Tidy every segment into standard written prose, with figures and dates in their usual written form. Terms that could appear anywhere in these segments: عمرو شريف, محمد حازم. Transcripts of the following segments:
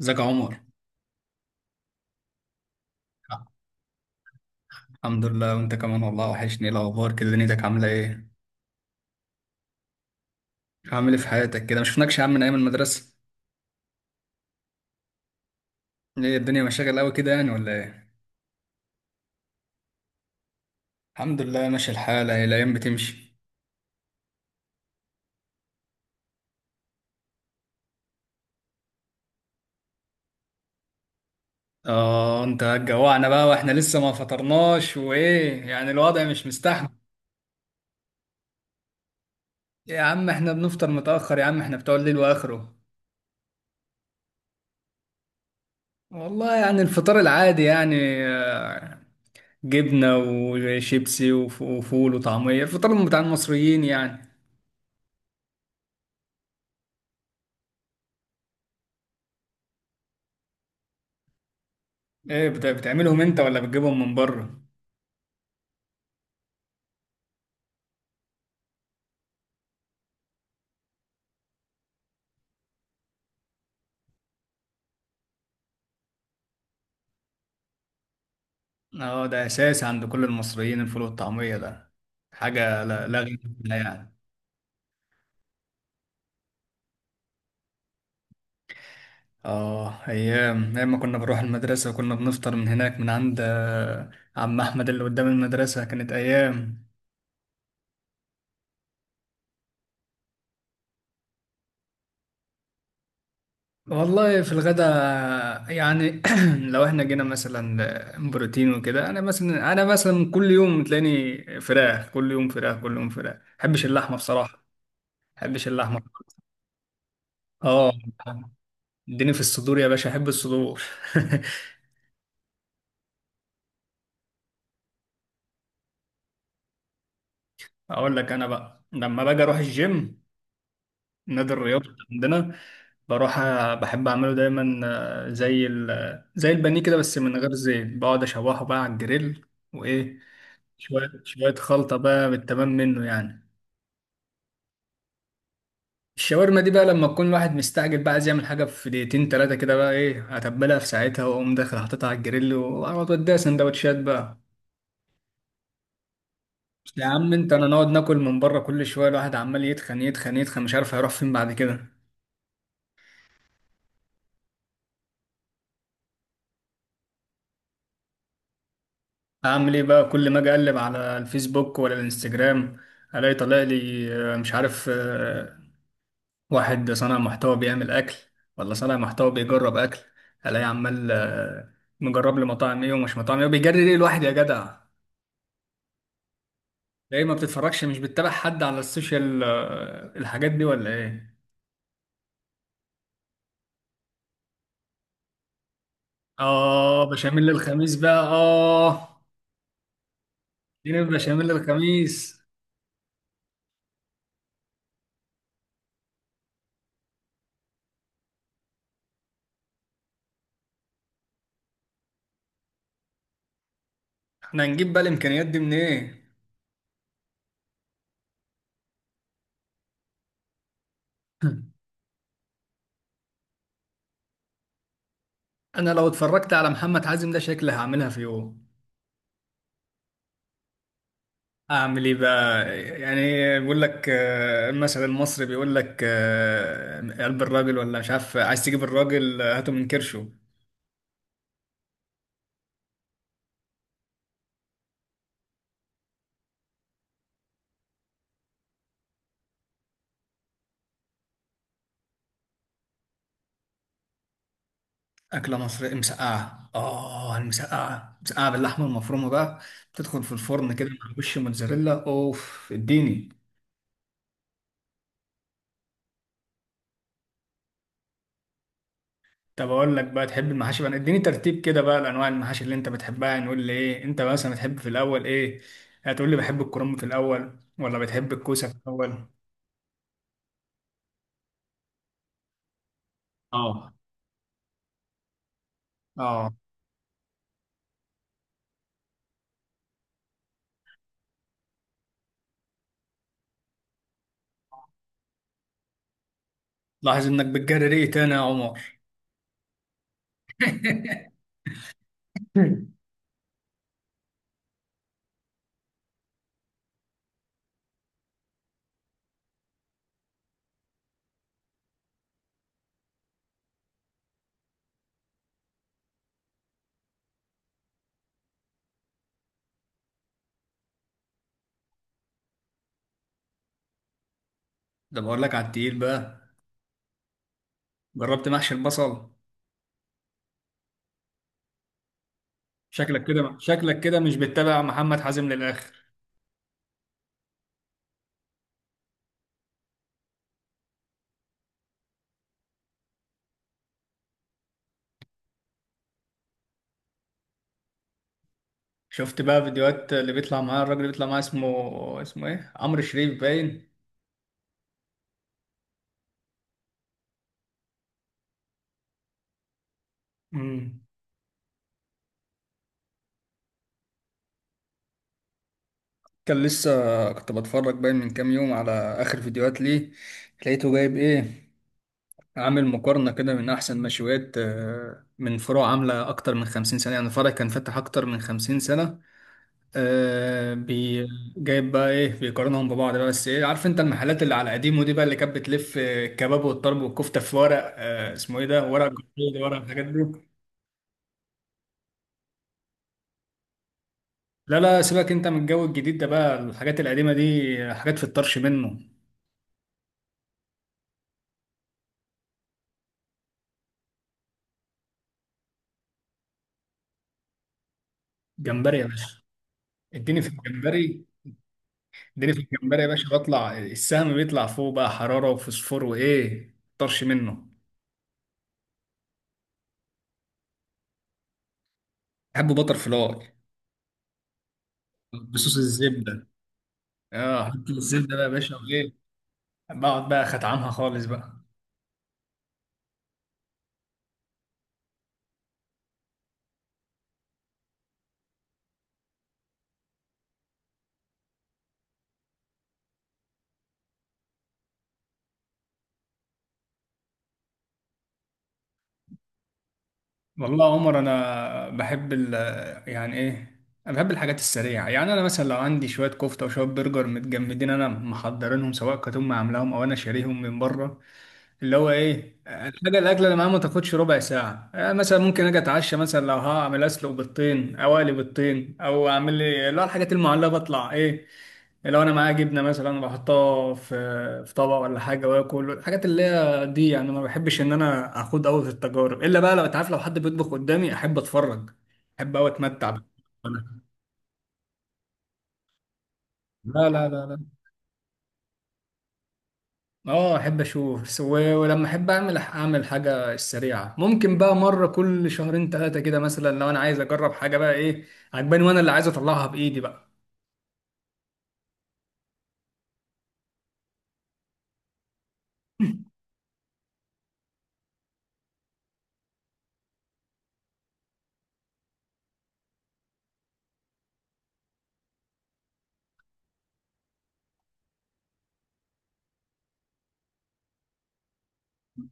ازيك يا عمر؟ الحمد لله، وانت كمان والله وحشني. ايه الاخبار كده؟ دنيتك عامله ايه؟ عامل ايه في حياتك كده؟ ما شفناكش يا عم من ايام المدرسه. ايه الدنيا مشاغل قوي كده يعني ولا ايه؟ الحمد لله، ماشي الحال، اهي الايام بتمشي. اه، انت هتجوعنا بقى واحنا لسه ما فطرناش، وايه يعني الوضع مش مستحمل؟ إيه يا عم، احنا بنفطر متاخر يا عم، احنا بتوع الليل واخره. والله يعني الفطار العادي يعني. آه، جبنه وشيبسي وفول وطعميه، الفطار بتاع المصريين يعني. ايه، بتعملهم انت ولا بتجيبهم من بره؟ اه، ده اساسي عند كل المصريين، الفول والطعمية ده. حاجة لا غنى عنها يعني. اه، ايام ايام ما كنا بنروح المدرسة وكنا بنفطر من هناك من عند عم احمد اللي قدام المدرسة، كانت ايام. والله في الغدا، يعني لو احنا جينا مثلا بروتين وكده. انا مثلا كل يوم تلاقيني فراخ، كل يوم فراخ، كل يوم فراخ. ما بحبش اللحمة بصراحة، ما بحبش اللحمة. اه، اديني في الصدور يا باشا، احب الصدور. اقول لك انا بقى، لما باجي اروح الجيم، نادي الرياضه عندنا، بروح بحب اعمله دايما، زي البانيه كده بس من غير زيت، بقعد اشوحه بقى على الجريل. وايه، شويه شويه خلطه بقى بالتمام منه يعني. الشاورما دي بقى لما تكون الواحد مستعجل بقى، عايز يعمل حاجه في دقيقتين ثلاثه كده، بقى ايه، اتبلها في ساعتها واقوم داخل حاططها على الجريل واقعد اديها سندوتشات بقى. يا عم انت، انا نقعد ناكل من بره كل شويه، الواحد عمال يتخن يتخن يتخن، مش عارف هيروح فين بعد كده. اعمل ايه بقى؟ كل ما اجي اقلب على الفيسبوك ولا الانستجرام، الاقي طالع لي، مش عارف، واحد صانع محتوى بيعمل اكل ولا صانع محتوى بيجرب اكل، الاقي عمال، مجرب لي مطاعم ايه ومش مطاعم ايه. بيجري ليه الواحد يا جدع؟ ليه ما بتتفرجش؟ مش بتتابع حد على السوشيال، الحاجات دي ولا ايه؟ اه بشاميل الخميس بقى، اه. اديني بشاميل الخميس. احنا هنجيب بقى الامكانيات دي منين إيه؟ انا لو اتفرجت على محمد حازم ده، شكلي هعملها في يوم. اعمل ايه بقى يعني؟ بيقول لك المثل المصري بيقول لك، قلب الراجل، ولا مش عارف، عايز تجيب الراجل هاته من كرشه. اكله مصريه، مسقعه. اه، المسقعه، مسقعه باللحمه المفرومه بقى، تدخل في الفرن كده مع وش موتزاريلا، اوف اديني. طب اقول لك بقى، تحب المحاشي بقى، اديني ترتيب كده بقى لانواع المحاشي اللي انت بتحبها. نقول لي ايه انت مثلا بتحب في الاول ايه؟ هتقول لي بحب الكرنب في الاول ولا بتحب الكوسه في الاول؟ اه، اه. لاحظ انك بتجري ريقي تاني يا عمر. ده بقول لك على التقيل بقى. جربت محشي البصل؟ شكلك كده، شكلك كده مش بتتابع محمد حازم للاخر. شفت بقى فيديوهات اللي بيطلع معاه، الراجل اللي بيطلع معاه اسمه ايه، عمرو شريف باين. امم كان لسه، كنت بتفرج باين من كام يوم على آخر فيديوهات ليه، لقيته جايب إيه، عامل مقارنة كده من أحسن مشويات، من فروع عاملة أكتر من 50 سنة، يعني فرع كان فاتح أكتر من 50 سنة، آه، بي جايب بقى إيه، بيقارنهم ببعض بقى. بس إيه، عارف أنت المحلات اللي على قديمه دي بقى، اللي كانت بتلف الكباب والطرب والكفتة في ورق، اسمه إيه ده، ورق جلد، ورق الحاجات دي. لا لا، سيبك أنت من الجو الجديد ده بقى، الحاجات القديمة دي حاجات في الطرش منه. جمبري يا باشا، اديني في الجمبري. اديني في الجمبري يا باشا، بطلع السهم بيطلع فوق بقى، حرارة وفوسفور وايه، طرش منه. بحبه بطر فلاي، بصوص الزبده. اه، حط الزبدة بقى يا باشا وايه، بقعد بقى ختعمها خالص بقى. والله يا عمر انا بحب ال، يعني ايه، انا بحب الحاجات السريعة. يعني انا مثلا لو عندي شوية كفتة وشوية برجر متجمدين، انا محضرينهم، سواء كانت امي عاملاهم او انا شاريهم من بره، اللي هو ايه، الحاجه الاكله اللي معايا ما تاخدش ربع ساعه. مثلا ممكن اجي اتعشى، مثلا لو هعمل، اسلق بيضتين او اقلي بيضتين، او اعمل لي اللي هو الحاجات المعلبه، اطلع ايه. لو انا معايا جبنه مثلا، بحطها في طبق ولا حاجه واكل الحاجات اللي هي دي. يعني ما بحبش ان انا اخوض قوي في التجارب، الا بقى لو انت عارف، لو حد بيطبخ قدامي احب اتفرج، احب قوي اتمتع. لا لا لا لا. اه، احب اشوف، ولما احب اعمل حاجه السريعه، ممكن بقى مره كل شهرين ثلاثه كده، مثلا لو انا عايز اجرب حاجه بقى ايه عجباني وانا اللي عايز اطلعها بايدي بقى.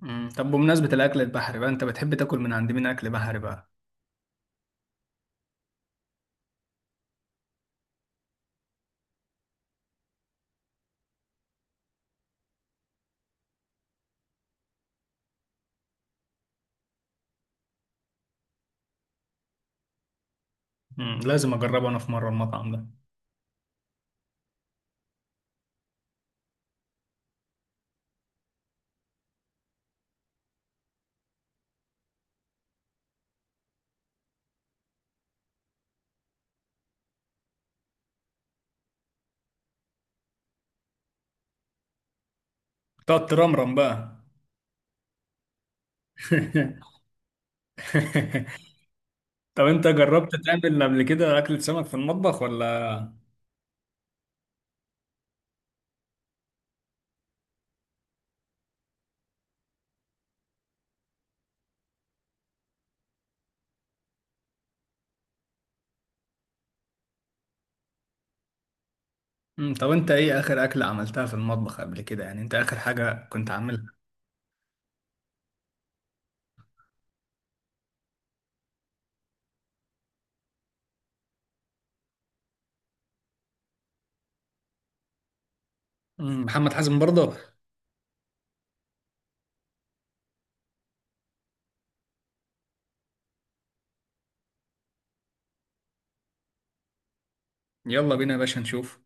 مم. طب بمناسبه الاكل البحري بقى، انت بتحب تاكل من عند مين اكل بحري بقى؟ مم. لازم اجربه انا في مره المطعم ده. تقعد ترمرم بقى. طب انت جربت تعمل قبل كده اكلة سمك في المطبخ ولا؟ مم. طب انت ايه اخر اكله عملتها في المطبخ قبل كده، يعني انت اخر حاجه كنت عاملها؟ مم. محمد حازم برضه؟ يلا بينا يا باشا نشوف.